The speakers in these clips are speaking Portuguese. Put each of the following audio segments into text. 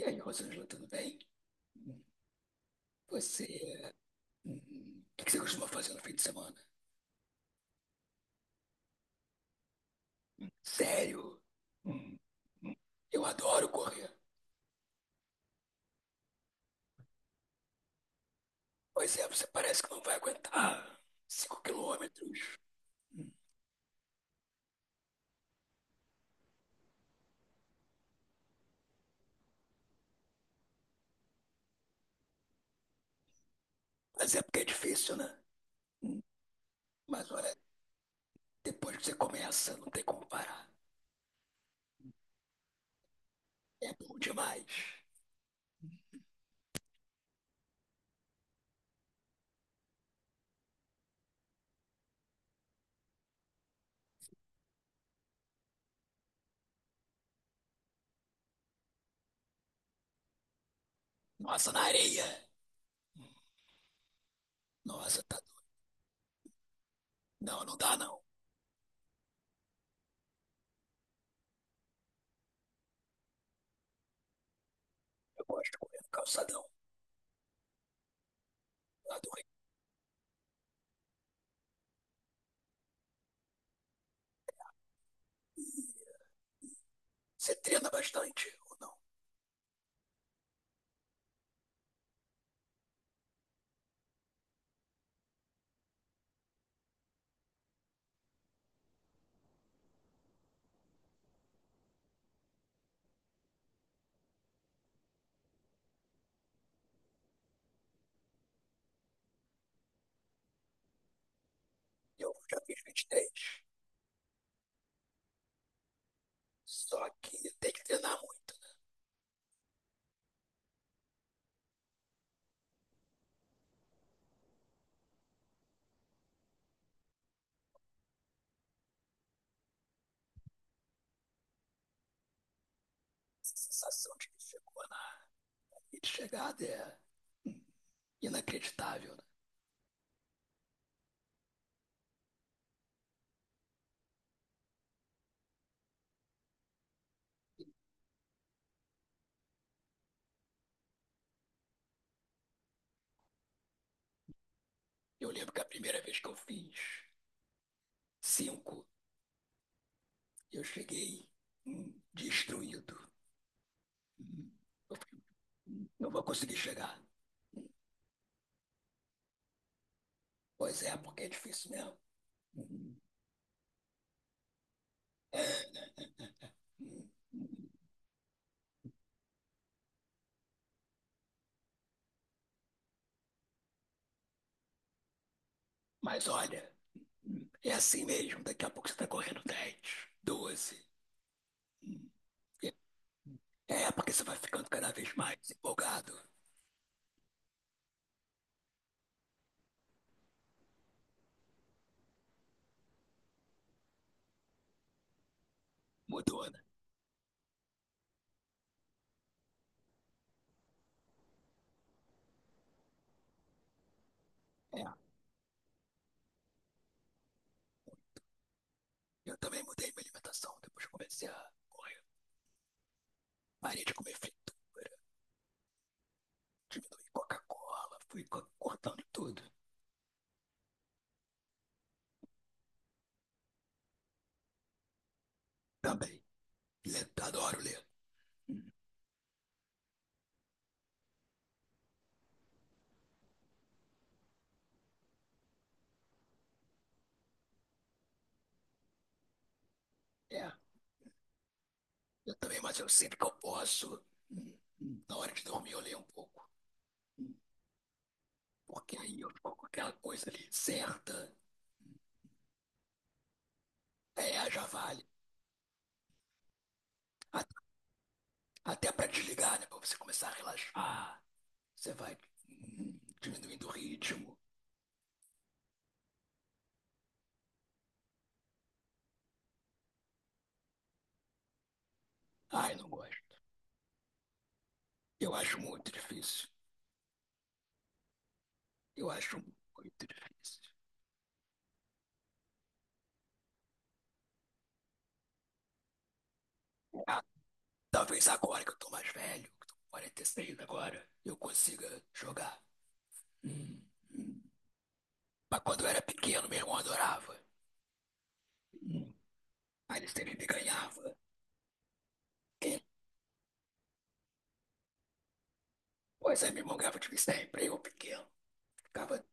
E aí, Rosângela, tudo bem? Hum, Você. hum, O que que você costuma fazer no fim de semana? Sério? Hum, hum, Eu adoro correr. Pois é, você parece que não vai aguentar 5 km. Hum, Mas é porque é difícil, né? Hum, Mas olha, depois que você começa, não tem como parar. É bom demais. Nossa, na areia. Nossa, tá. Não, não dá não. Eu gosto de correr no calçadão. Eu adoro. Você treina bastante. Eu já fiz 23. Só que tem que treinar muito. Essa sensação de que chegada é hum, inacreditável, né? Eu lembro que a primeira vez que eu fiz 5 km, eu cheguei destruído. Hum, Eu falei, não vou conseguir chegar. Pois é, porque é difícil mesmo. Hum, é, hum, hum. Mas olha, é assim mesmo. Daqui a pouco você está correndo dez, 12 hum. É, é porque você vai ficando cada vez mais empolgado. Mudou, né? É. Eu também mudei minha alimentação, depois que eu comecei a correr. Parei de comer frito, diminui Coca-Cola, cortando tudo. Também. Ler, adoro ler. Hum, É, eu também, mas eu sempre que eu posso, na hora de dormir eu leio um pouco. Porque aí eu fico com aquela coisa ali certa. É, já vale. A- Até para desligar, né? Pra você começar a relaxar. Você vai diminuindo o ritmo. Ai, não gosto. Eu acho muito difícil. Eu acho muito difícil. Talvez agora que eu tô mais velho, que tô com 46 agora, eu consiga jogar. Hum, hum. Mas quando eu era pequeno, meu irmão adorava. Hum. Aí ele sempre me ganhava. E, pois é, meu irmão ganhava de mim sempre. Eu pequeno, ficava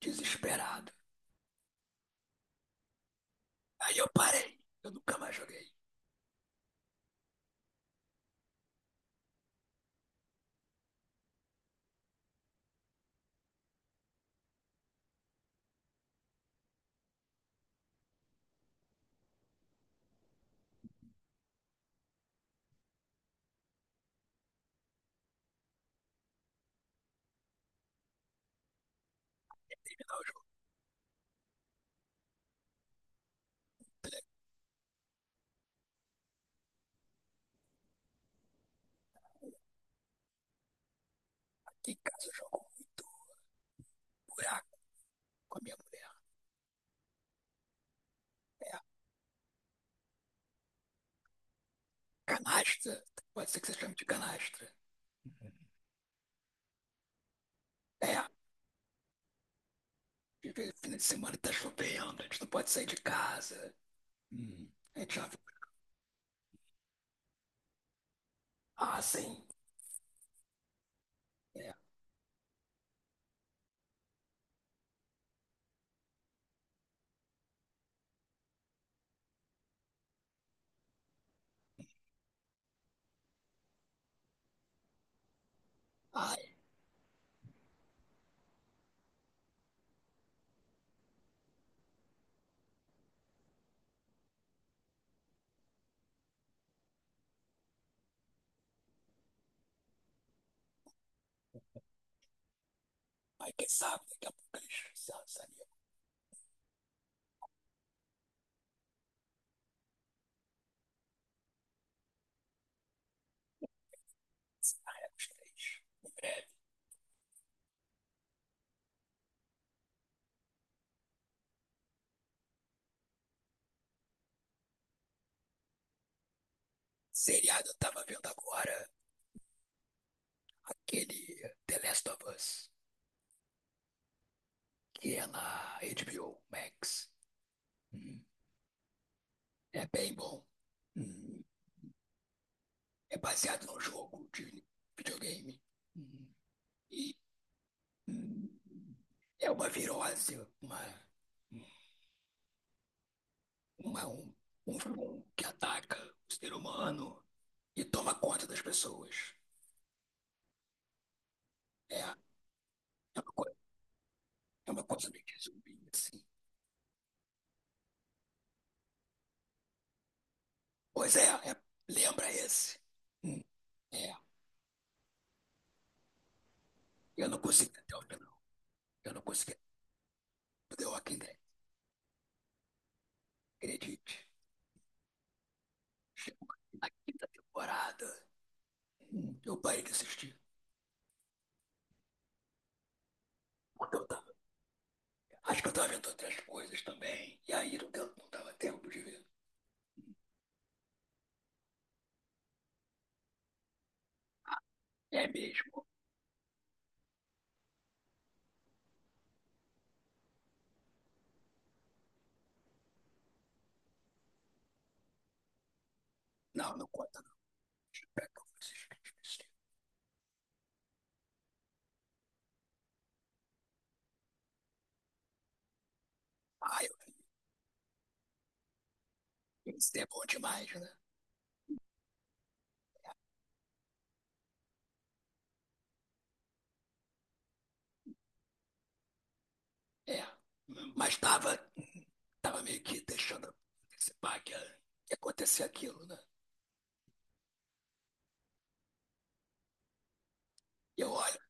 desesperado. Aí eu parei. Eu nunca mais joguei. Ficava com um buraco com a minha mulher. É, canastra. Pode ser que você chame de canastra. É, fim de semana tá chovendo, a gente não pode sair de casa. Hum. A gente já... Ah, sim. É. Ah, mas quem sabe, daqui a pouco eles se lançaria com os três. Em breve. Seriado, eu tava vendo agora aquele The Last of Us, que é na HBO Max. Hum, É bem bom. Hum, É baseado num jogo de videogame. Hum, E hum, é uma virose, uma, uma, um, um, um que ataca o ser humano e toma conta das pessoas. É, é uma, co- é uma coisa meio que zumbi, assim. Pois é, é, lembra esse. Hum, é, eu não consegui até o final. Eu não consegui até o Walking Dead. Acredite. Chegou na quinta temporada, eu parei de assistir. Porque eu tava, acho que eu tava vendo outras coisas também. E aí não, deu, não dava tempo de ver. É mesmo. Não, não conta não, é que eu assisti. Ah, eu, isso é bom demais, né? É. Mas tava, tava meio que deixando antecipar que ia acontecer aquilo, né? E eu olho,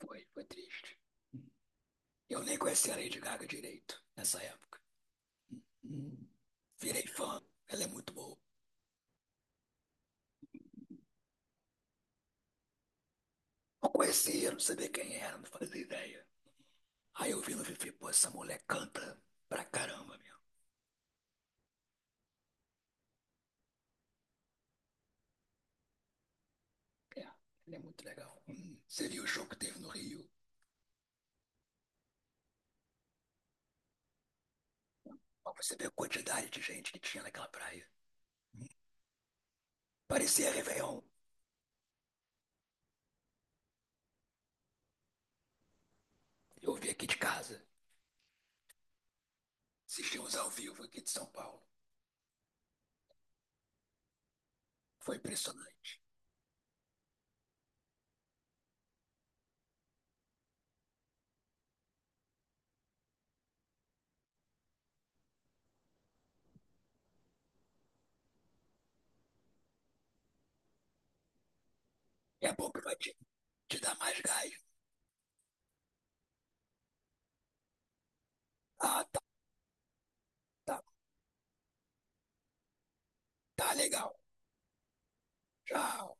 foi, foi triste. Eu nem conhecia a Lady Gaga direito nessa época. Hum, Virei fã, ela é muito boa. Não conhecia, não sabia quem era, não fazia ideia. Aí eu vi no Fifi, pô, essa mulher canta pra caramba, meu. É, ela é muito legal. Você viu o show que teve no Rio? Ó, você vê a quantidade de gente que tinha naquela praia. Hum, Parecia Réveillon. Eu vi aqui de casa. Assistimos ao vivo aqui de São Paulo. Foi impressionante. É bom que vai te, te dar mais gás. Ah, tá, tá, tá legal. Tchau.